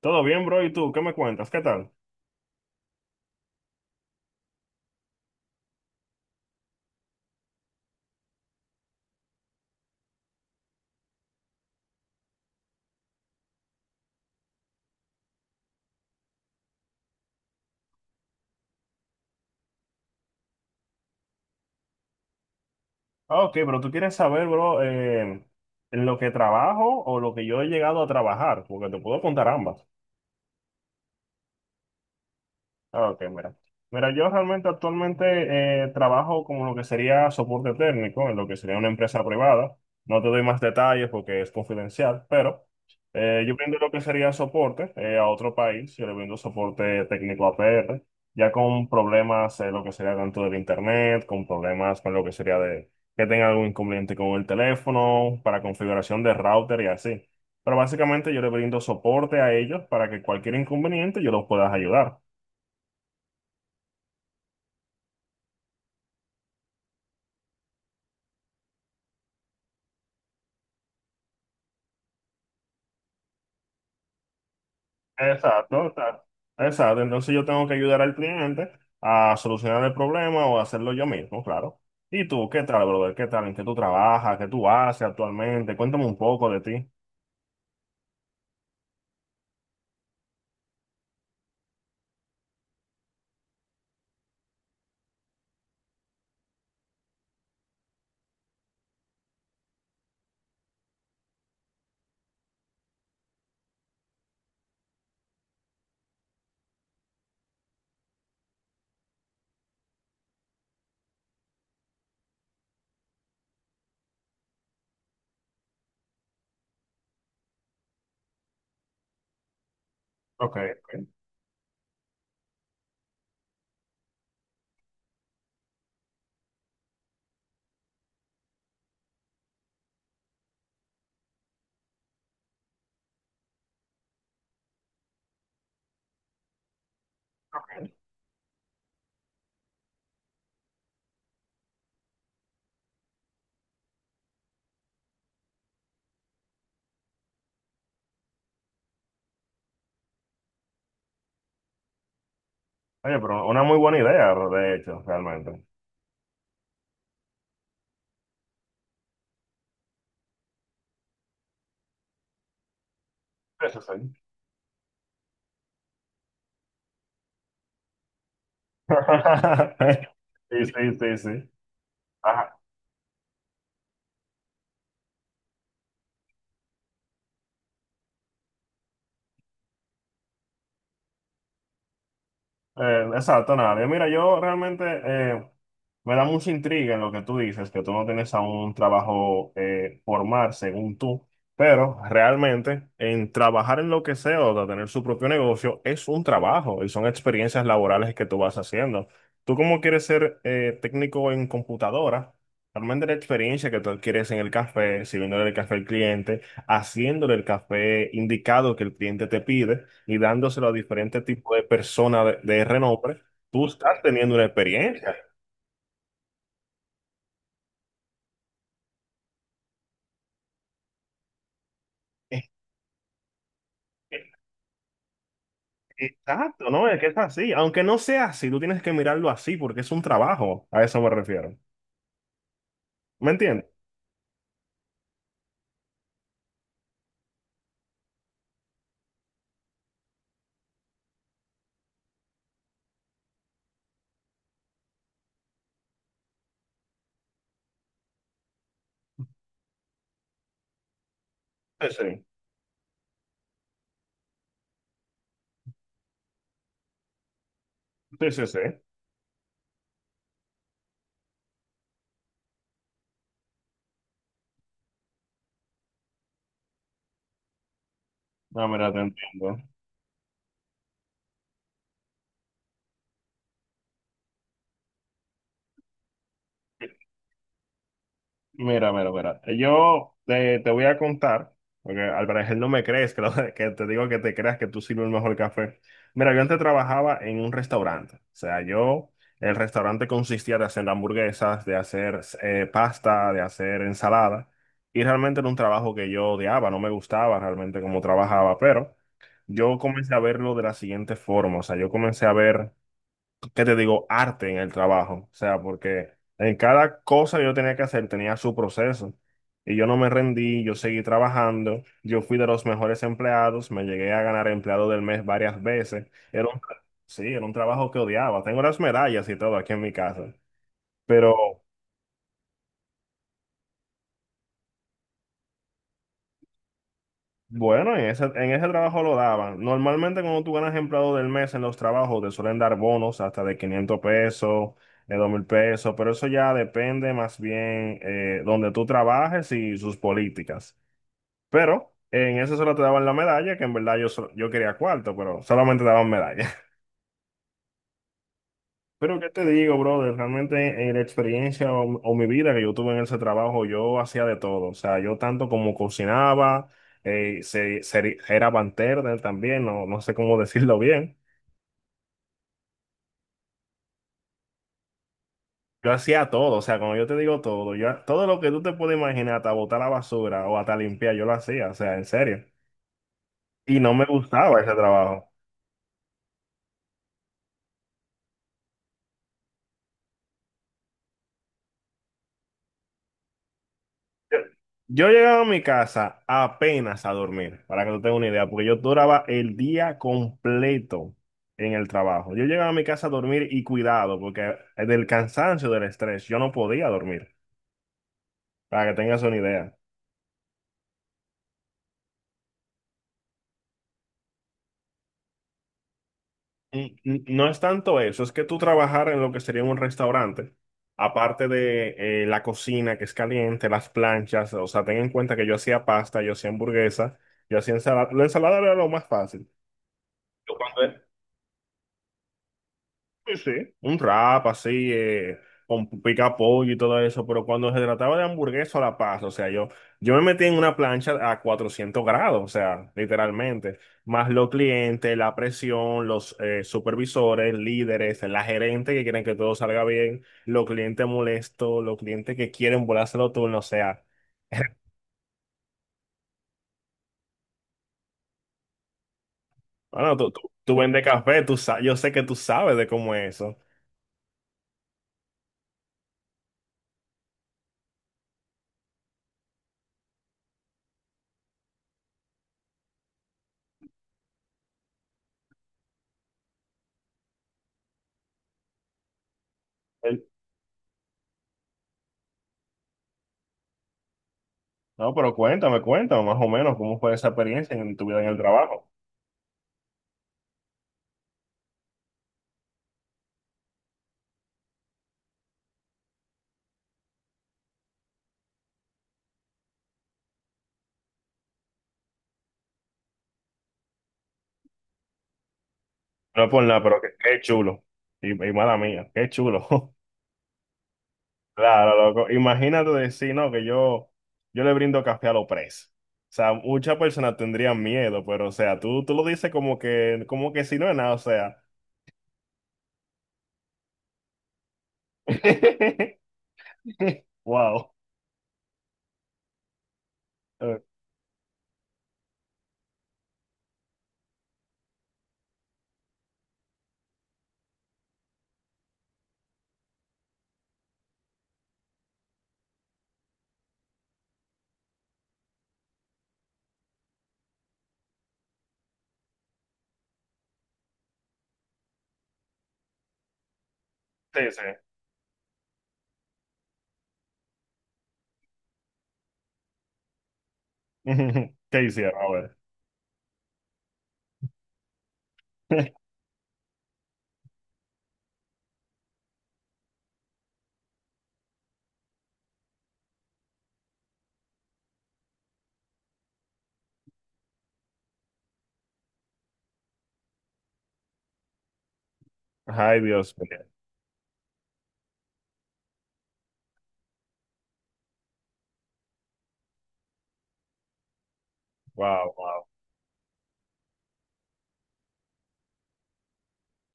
Todo bien, bro. ¿Y tú qué me cuentas? ¿Qué tal? Ok, pero tú quieres saber, bro, en lo que trabajo o lo que yo he llegado a trabajar, porque te puedo contar ambas. Ok, mira. Mira, yo realmente actualmente trabajo como lo que sería soporte técnico, en lo que sería una empresa privada. No te doy más detalles porque es confidencial, pero yo brindo lo que sería soporte a otro país. Yo le brindo soporte técnico a PR, ya con problemas, lo que sería tanto del internet, con problemas con lo que sería de que tenga algún inconveniente con el teléfono, para configuración de router y así. Pero básicamente yo le brindo soporte a ellos para que cualquier inconveniente yo los pueda ayudar. Exacto, exacto. Exacto. Entonces yo tengo que ayudar al cliente a solucionar el problema o hacerlo yo mismo, claro. ¿Y tú, qué tal, brother? ¿Qué tal? ¿En qué tú trabajas? ¿Qué tú haces actualmente? Cuéntame un poco de ti. Ok. Ok. Oye, pero una muy buena idea, de hecho, realmente. Eso sí. Sí, sí, sí, sí. Exacto, nadie. Mira, yo realmente me da mucha intriga en lo que tú dices, que tú no tienes aún un trabajo formal, según tú, pero realmente en trabajar en lo que sea o de tener su propio negocio es un trabajo y son experiencias laborales que tú vas haciendo. Tú como quieres ser técnico en computadora, realmente la experiencia que tú adquieres en el café, sirviéndole el café al cliente haciéndole el café indicado que el cliente te pide y dándoselo a diferentes tipos de personas de renombre, tú estás teniendo una experiencia. Eh, eh, Exacto, ¿no? Es que es así. Aunque no sea así, tú tienes que mirarlo así porque es un trabajo. A eso me refiero. ¿Me entiendes? Sí, sí, sí, sí, sí. No, mira, te entiendo. Mira, mira, mira. Te voy a contar, porque al parecer no me crees, que, que te digo que te creas que tú sirves el mejor café. Mira, yo antes trabajaba en un restaurante. O sea, yo, el restaurante consistía de hacer hamburguesas, de hacer pasta, de hacer ensalada. Y realmente era un trabajo que yo odiaba, no me gustaba realmente cómo trabajaba, pero yo comencé a verlo de la siguiente forma. O sea, yo comencé a ver, ¿qué te digo? Arte en el trabajo. O sea, porque en cada cosa que yo tenía que hacer tenía su proceso. Y yo no me rendí, yo seguí trabajando, yo fui de los mejores empleados, me llegué a ganar empleado del mes varias veces. Era un, sí, era un trabajo que odiaba. Tengo las medallas y todo aquí en mi casa. Pero bueno, en ese trabajo lo daban. Normalmente cuando tú ganas empleado del mes en los trabajos te suelen dar bonos hasta de 500 pesos, de 2000 pesos, pero eso ya depende más bien donde tú trabajes y sus políticas. Pero en eso solo te daban la medalla, que en verdad yo, yo quería cuarto, pero solamente daban medalla. Pero qué te digo, brother, realmente en la experiencia o mi vida que yo tuve en ese trabajo, yo hacía de todo. O sea, yo tanto como cocinaba, era bartender también, no, no sé cómo decirlo bien. Yo hacía todo, o sea, cuando yo te digo todo, yo, todo lo que tú te puedes imaginar, hasta botar la basura o hasta limpiar, yo lo hacía, o sea, en serio. Y no me gustaba ese trabajo. Yo, yo llegaba a mi casa apenas a dormir, para que tú tengas una idea, porque yo duraba el día completo en el trabajo. Yo llegaba a mi casa a dormir y cuidado, porque del cansancio, del estrés, yo no podía dormir, para que tengas una idea. No es tanto eso, es que tú trabajar en lo que sería un restaurante, aparte de la cocina que es caliente, las planchas, o sea, ten en cuenta que yo hacía pasta, yo hacía hamburguesa, yo hacía ensalada, la ensalada era lo más fácil. Yo cuando, Sí, sí, un rap así, con pica pollo y todo eso, pero cuando se trataba de hamburguesa a la paz, o sea, yo me metí en una plancha a 400 grados, o sea, literalmente, más los clientes, la presión, los supervisores, líderes, la gerente que quieren que todo salga bien, los clientes molestos, los clientes que quieren volarse los turnos, o sea, bueno, tú vendes café, tú, yo sé que tú sabes de cómo es eso. Eh, No, pero cuéntame, cuéntame más o menos cómo fue esa experiencia en tu vida en el trabajo. No es por nada, pero qué, qué chulo. Y mala mía, qué chulo. Claro, loco. Imagínate decir, no, que yo le brindo café a los presos. O sea, muchas personas tendrían miedo, pero o sea, tú lo dices como que si no es nada, o sea. Wow. Eh, sí, sí. ¿Qué hicieron? A ver. Ay, Dios mío. Wow, wow.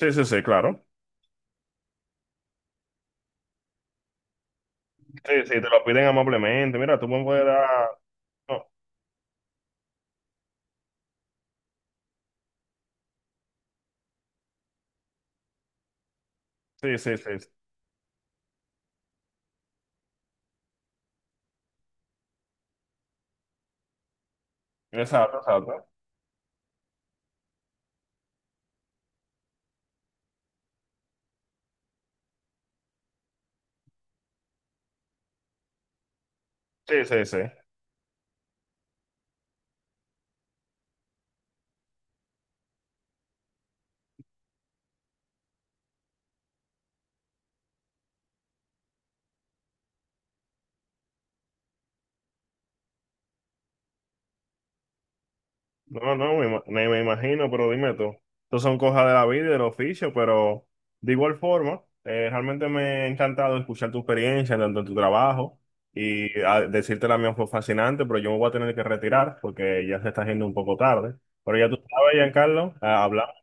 Sí, sí, sí, claro. Sí, sí, te lo piden amablemente. Mira, tú me puedes dar. No, sí, sí, sí, sí. Exacto, exacto. Sí, sí, sí. No, no, me imagino, pero dime tú. Estos son cosas de la vida y del oficio, pero de igual forma, realmente me ha encantado escuchar tu experiencia tanto en tu trabajo y decirte la mía fue fascinante, pero yo me voy a tener que retirar porque ya se está haciendo un poco tarde. Pero ya tú sabes, Giancarlo, Carlos